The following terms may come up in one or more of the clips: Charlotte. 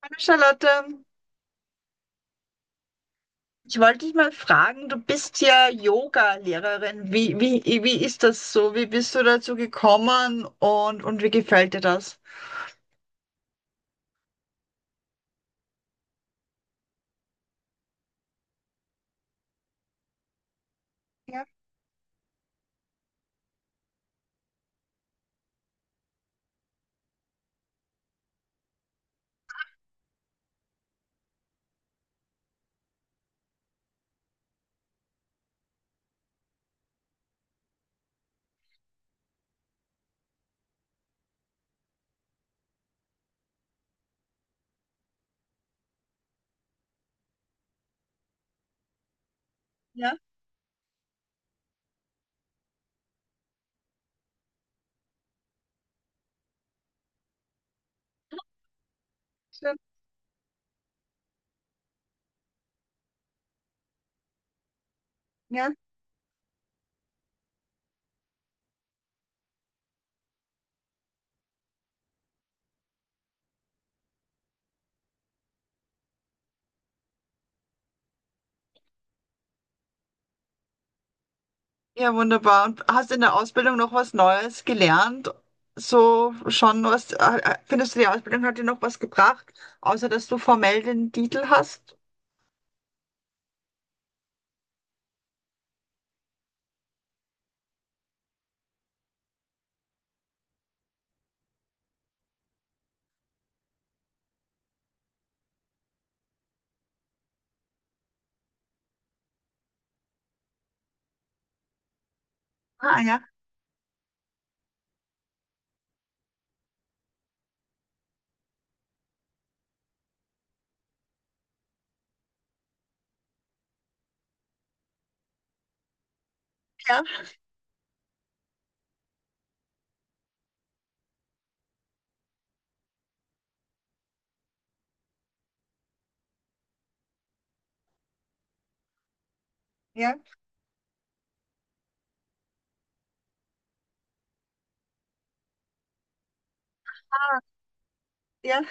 Hallo Charlotte, ich wollte dich mal fragen, du bist ja Yoga-Lehrerin. Wie ist das so? Wie bist du dazu gekommen und wie gefällt dir das? Ja, ja, schön. Ja. Ja, wunderbar. Und hast in der Ausbildung noch was Neues gelernt? So schon was, findest du, die Ausbildung hat dir noch was gebracht, außer dass du formell den Titel hast? Ah, ja, ja, ja, ja.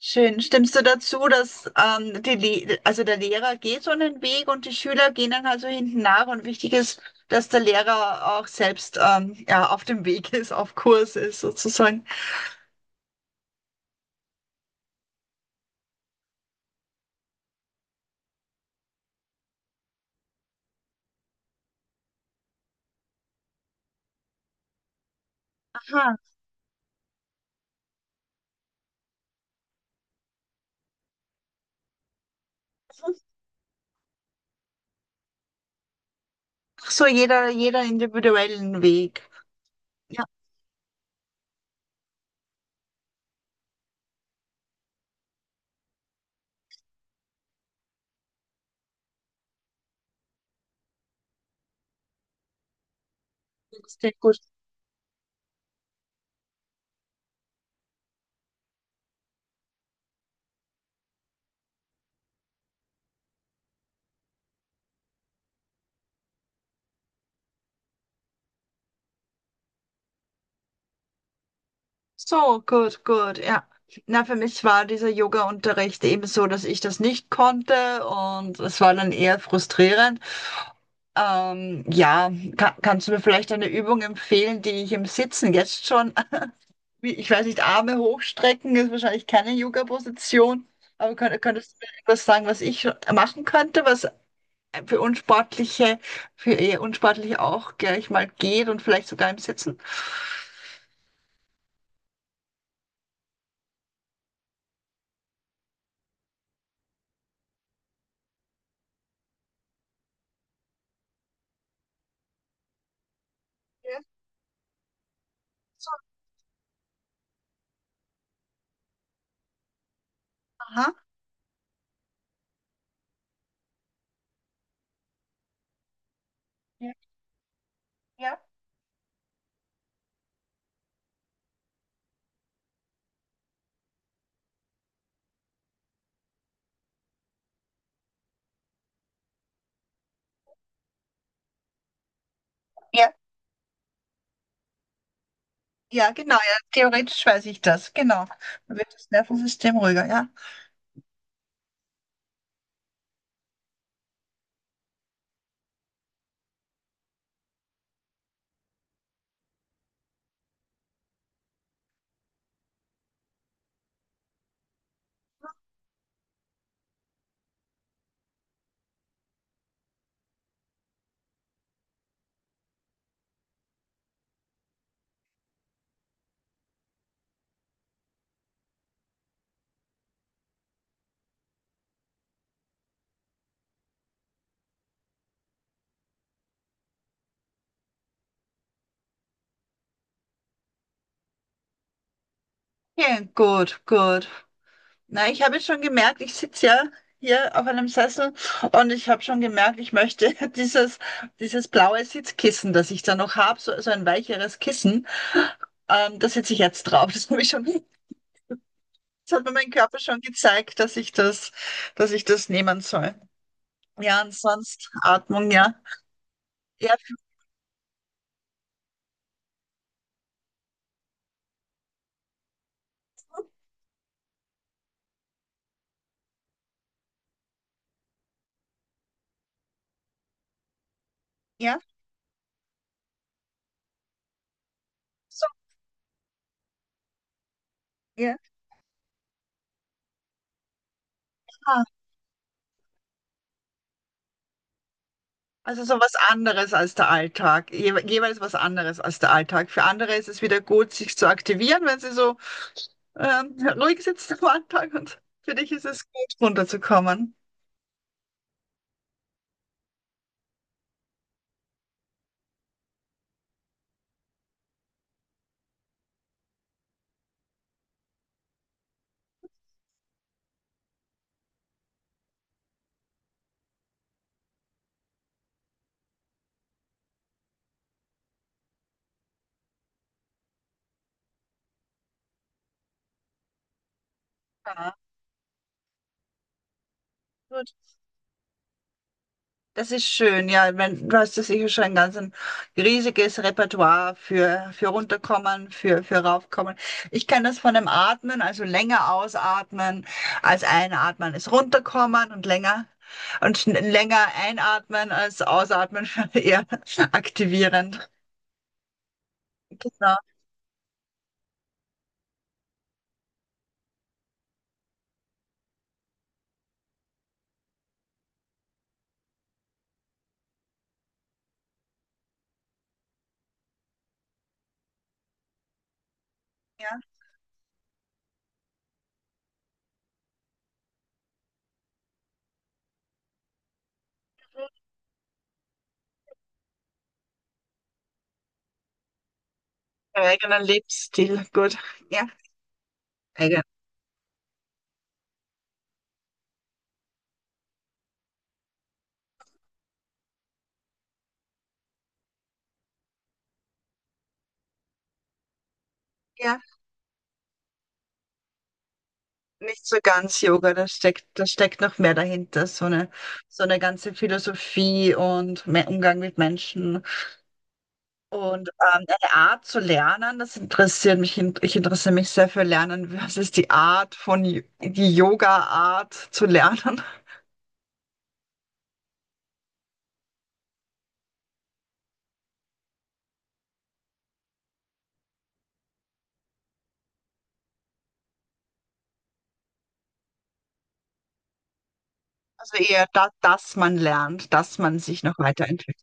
Schön. Stimmst du dazu, dass also der Lehrer geht so einen Weg und die Schüler gehen dann also hinten nach und wichtig ist, dass der Lehrer auch selbst ja, auf dem Weg ist, auf Kurs ist sozusagen. Aha. Ach, so jeder individuellen Weg. Ja, sehr gut. So, gut, gut, ja. Na, für mich war dieser Yoga-Unterricht eben so, dass ich das nicht konnte und es war dann eher frustrierend. Ja, kannst du mir vielleicht eine Übung empfehlen, die ich im Sitzen jetzt schon, ich weiß nicht, Arme hochstrecken ist wahrscheinlich keine Yoga-Position, aber könntest du mir etwas sagen, was ich schon machen könnte, was für Unsportliche, für eher Unsportliche auch gleich mal geht und vielleicht sogar im Sitzen? Ja, so, aha. Ja, ja, ja, ja, genau, ja, theoretisch weiß ich das, genau. Dann wird das Nervensystem ruhiger, ja. Ja, gut, gut. Na, ich habe schon gemerkt, ich sitze ja hier auf einem Sessel und ich habe schon gemerkt, ich möchte dieses blaue Sitzkissen, das ich da noch habe, so, so ein weicheres Kissen, da sitze ich jetzt drauf. Das habe ich schon, das hat mir mein Körper schon gezeigt, dass ich das nehmen soll. Ja, ansonsten Atmung, ja. Ja, ja, so, ja. Ah, also so was anderes als der Alltag. Jeweils was anderes als der Alltag. Für andere ist es wieder gut, sich zu aktivieren, wenn sie so ruhig sitzt am Anfang und für dich ist es gut, runterzukommen. Ja, gut. Das ist schön, ja. Ich mein, du hast ja sicher schon ein ganz ein riesiges Repertoire für runterkommen, für raufkommen. Ich kenne das von dem Atmen, also länger ausatmen als einatmen, ist runterkommen und länger einatmen als ausatmen, eher aktivierend. Genau, ja. Der eigenen Lebensstil, gut. Ja, eigen. Ja. Nicht so ganz Yoga, da steckt noch mehr dahinter, so eine ganze Philosophie und mehr Umgang mit Menschen und eine Art zu lernen, das interessiert mich. Ich interessiere mich sehr für Lernen. Was ist die Art von, Y- die Yoga-Art zu lernen? Also eher da, dass man lernt, dass man sich noch weiterentwickelt.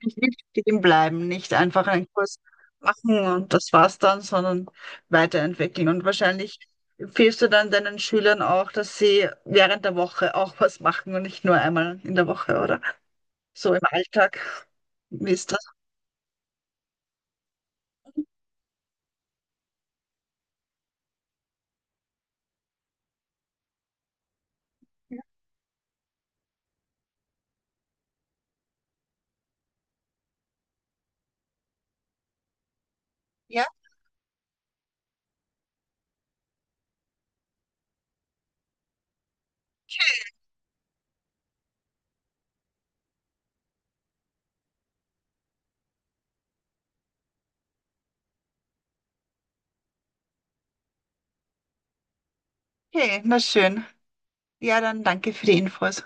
Nicht stehen bleiben, nicht einfach einen Kurs machen und das war's dann, sondern weiterentwickeln. Und wahrscheinlich empfiehlst du dann deinen Schülern auch, dass sie während der Woche auch was machen und nicht nur einmal in der Woche, oder? So im Alltag. Wie ist das? Ja, okay, na schön. Ja, dann danke für die Infos.